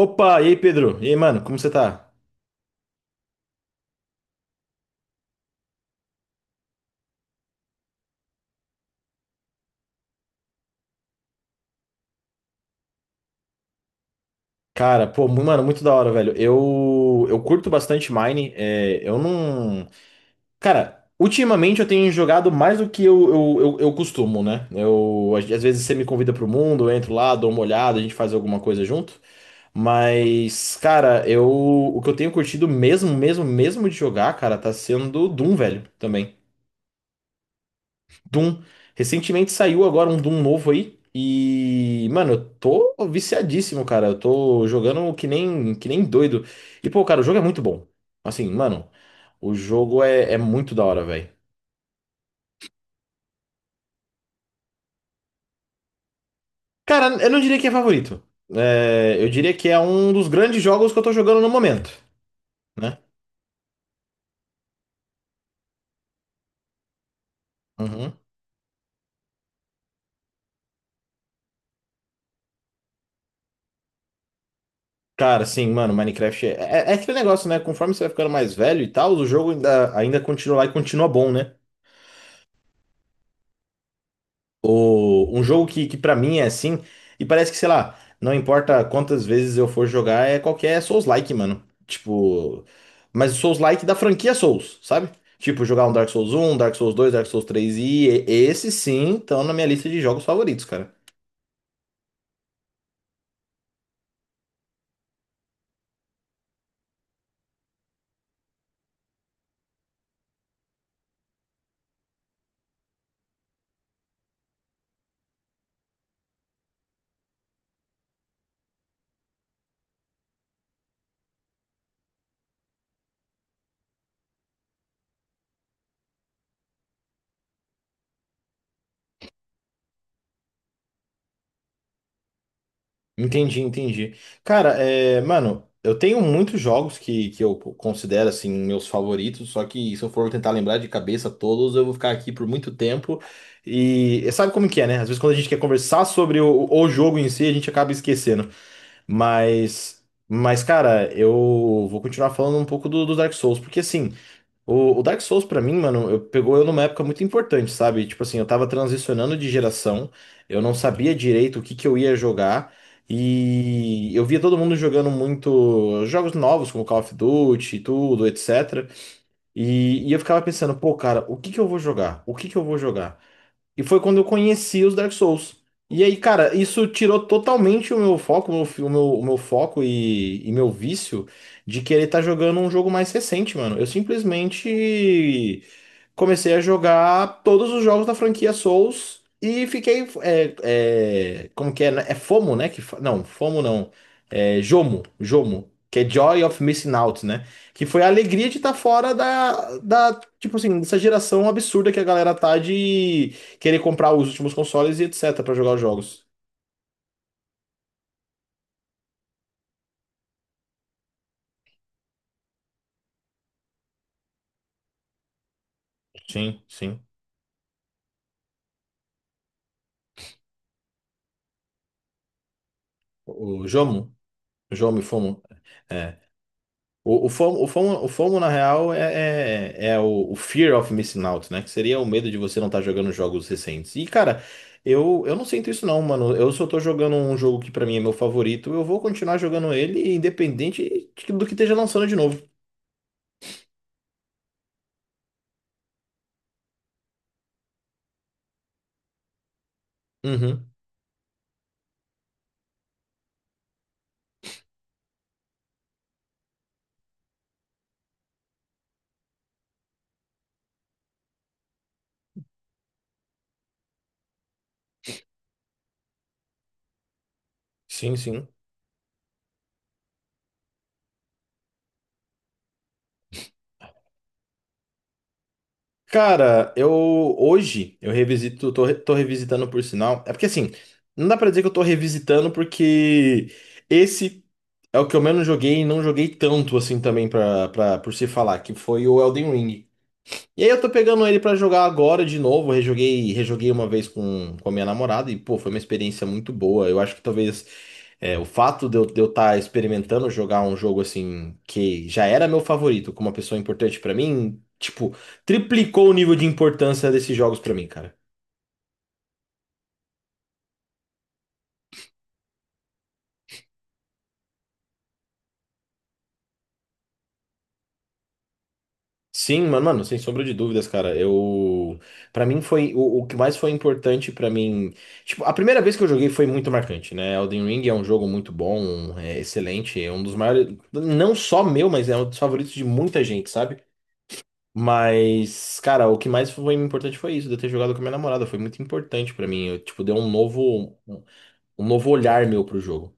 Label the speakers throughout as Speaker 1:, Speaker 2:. Speaker 1: Opa, e aí, Pedro? E aí, mano, como você tá? Cara, pô, mano, muito da hora, velho. Eu curto bastante Mine. É, eu não. Cara, ultimamente eu tenho jogado mais do que eu costumo, né? Eu, às vezes você me convida pro mundo, eu entro lá, dou uma olhada, a gente faz alguma coisa junto. Mas, cara, eu, o que eu tenho curtido mesmo de jogar, cara, tá sendo Doom, velho, também. Doom. Recentemente saiu agora um Doom novo aí. E, mano, eu tô viciadíssimo, cara. Eu tô jogando que nem doido. E, pô, cara, o jogo é muito bom. Assim, mano, o jogo é muito da hora, velho. Cara, eu não diria que é favorito. É, eu diria que é um dos grandes jogos que eu tô jogando no momento, né? Uhum. Cara, sim, mano, Minecraft é aquele negócio, né? Conforme você vai ficando mais velho e tal, o jogo ainda continua lá e continua bom, né? Um jogo que para mim é assim, e parece que, sei lá, não importa quantas vezes eu for jogar, é qualquer Souls-like, mano. Tipo, mas o Souls-like da franquia Souls, sabe? Tipo, jogar um Dark Souls dois Dark Souls três e esses sim estão na minha lista de jogos favoritos, cara. Entendi, entendi. Cara, é, mano, eu tenho muitos jogos que eu considero assim meus favoritos, só que se eu for tentar lembrar de cabeça todos, eu vou ficar aqui por muito tempo. E sabe como que é, né? Às vezes quando a gente quer conversar sobre o jogo em si, a gente acaba esquecendo. Mas, cara, eu vou continuar falando um pouco do Dark Souls, porque assim. O Dark Souls, pra mim, mano, pegou eu numa época muito importante, sabe? Tipo assim, eu tava transicionando de geração, eu não sabia direito o que que eu ia jogar, e eu via todo mundo jogando muito jogos novos, como Call of Duty e tudo, etc. E eu ficava pensando, pô, cara, o que que eu vou jogar? O que que eu vou jogar? E foi quando eu conheci os Dark Souls. E aí, cara, isso tirou totalmente o meu foco, o meu foco e meu vício de querer estar jogando um jogo mais recente, mano. Eu simplesmente comecei a jogar todos os jogos da franquia Souls e fiquei. Como que é? Né? É FOMO, né? Que, não, FOMO não. É JOMO, JOMO, que é Joy of Missing Out, né? Que foi a alegria de estar fora da, tipo assim, dessa geração absurda que a galera tá de querer comprar os últimos consoles e etc. pra jogar os jogos. Sim, sim. O JOMO, JOMO e FOMO. É, o FOMO, na real, é o Fear of Missing Out, né? Que seria o medo de você não estar jogando jogos recentes. E, cara, eu não sinto isso não, mano. Eu só tô jogando um jogo que pra mim é meu favorito. Eu vou continuar jogando ele, do que esteja lançando de novo. Uhum. Sim, sim. Cara, eu hoje eu revisito, tô revisitando por sinal. É porque assim, não dá pra dizer que eu tô revisitando porque esse é o que eu menos joguei e não joguei tanto assim também por se falar, que foi o Elden Ring. E aí eu tô pegando ele pra jogar agora de novo. Eu rejoguei uma vez com a minha namorada e, pô, foi uma experiência muito boa. Eu acho que talvez é, o fato de eu estar experimentando jogar um jogo assim que já era meu favorito, com uma pessoa importante pra mim, tipo, triplicou o nível de importância desses jogos pra mim, cara. Sim, mano, sem sombra de dúvidas, cara. Eu, para mim foi o que mais foi importante pra mim. Tipo, a primeira vez que eu joguei foi muito marcante, né? Elden Ring é um jogo muito bom, é excelente, é um dos maiores, não só meu, mas é um dos favoritos de muita gente, sabe? Mas, cara, o que mais foi importante foi isso, de eu ter jogado com a minha namorada, foi muito importante pra mim. Eu, tipo, deu um novo, um um novo olhar meu pro jogo.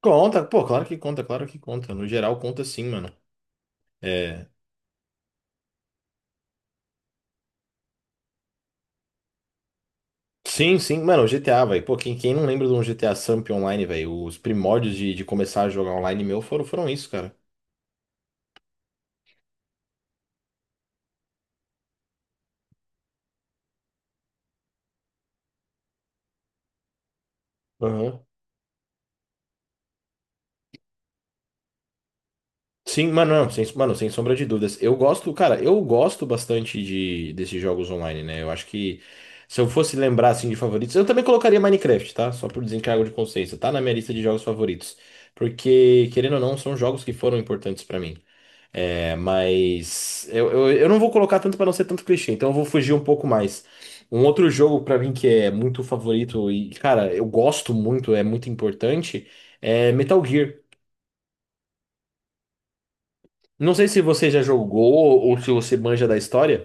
Speaker 1: Conta, pô, claro que conta, claro que conta. No geral conta sim, mano. É, sim, sim, mano, o GTA, velho. Pô, quem não lembra de um GTA Samp online, velho? Os primórdios de começar a jogar online meu foram isso, cara. Aham. Sim, mano, não, sem, mano, sem sombra de dúvidas. Eu gosto, cara, eu gosto bastante desses jogos online, né? Eu acho que se eu fosse lembrar, assim, de favoritos, eu também colocaria Minecraft, tá? Só por desencargo de consciência. Tá na minha lista de jogos favoritos. Porque, querendo ou não, são jogos que foram importantes pra mim. É, mas eu não vou colocar tanto para não ser tanto clichê, então eu vou fugir um pouco mais. Um outro jogo para mim que é muito favorito e, cara, eu gosto muito, é muito importante, é Metal Gear. Não sei se você já jogou ou se você manja da história.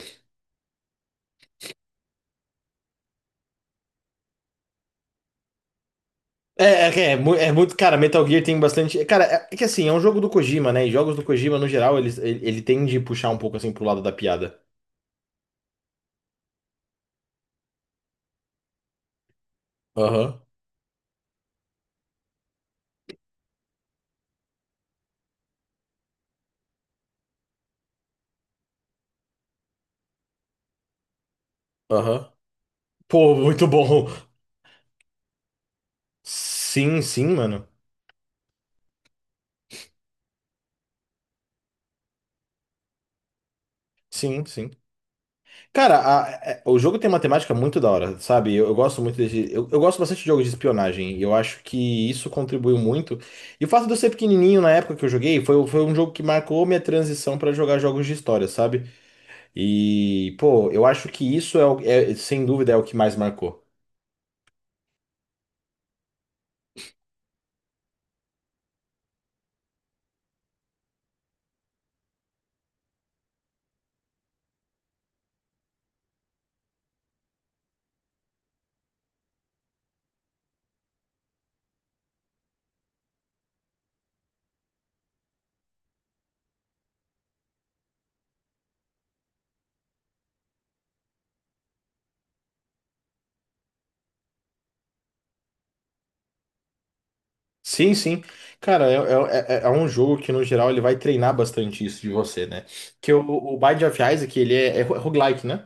Speaker 1: É muito, cara, Metal Gear tem bastante. Cara, é que assim, é um jogo do Kojima, né? E jogos do Kojima, no geral, ele tende a puxar um pouco assim pro lado da piada. Aham, aham. Pô, muito bom. Sim, sim, mano. Sim, sim. Cara, o jogo tem uma temática muito da hora, sabe? Eu gosto muito desse. Eu gosto bastante de jogos de espionagem. E eu acho que isso contribuiu muito. E o fato de eu ser pequenininho na época que eu joguei foi um jogo que marcou minha transição pra jogar jogos de história, sabe? E, pô, eu acho que sem dúvida, é o que mais marcou. Sim, sim. Cara, é um jogo que, no geral, ele vai treinar bastante isso de você, né? Que o Binding of Isaac, ele é roguelike, né?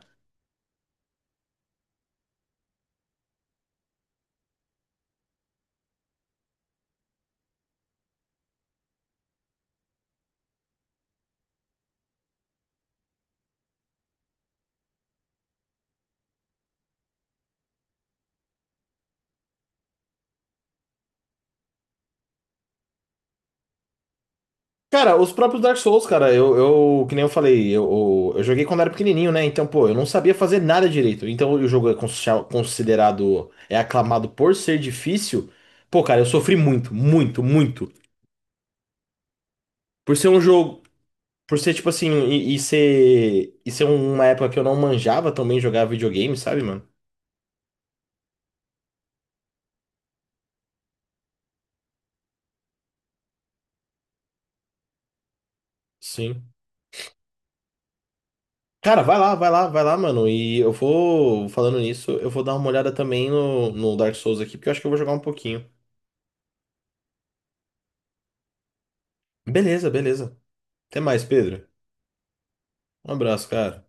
Speaker 1: Cara, os próprios Dark Souls, cara, eu que nem eu falei, eu joguei quando era pequenininho, né? Então, pô, eu não sabia fazer nada direito. Então, o jogo é considerado, é aclamado por ser difícil. Pô, cara, eu sofri muito. Por ser um jogo, por ser tipo assim, e ser uma época que eu não manjava também jogar videogame, sabe, mano? Sim. Cara, vai lá, mano. E eu vou, falando nisso, eu vou dar uma olhada também no Dark Souls aqui, porque eu acho que eu vou jogar um pouquinho. Beleza, beleza. Até mais, Pedro. Um abraço, cara.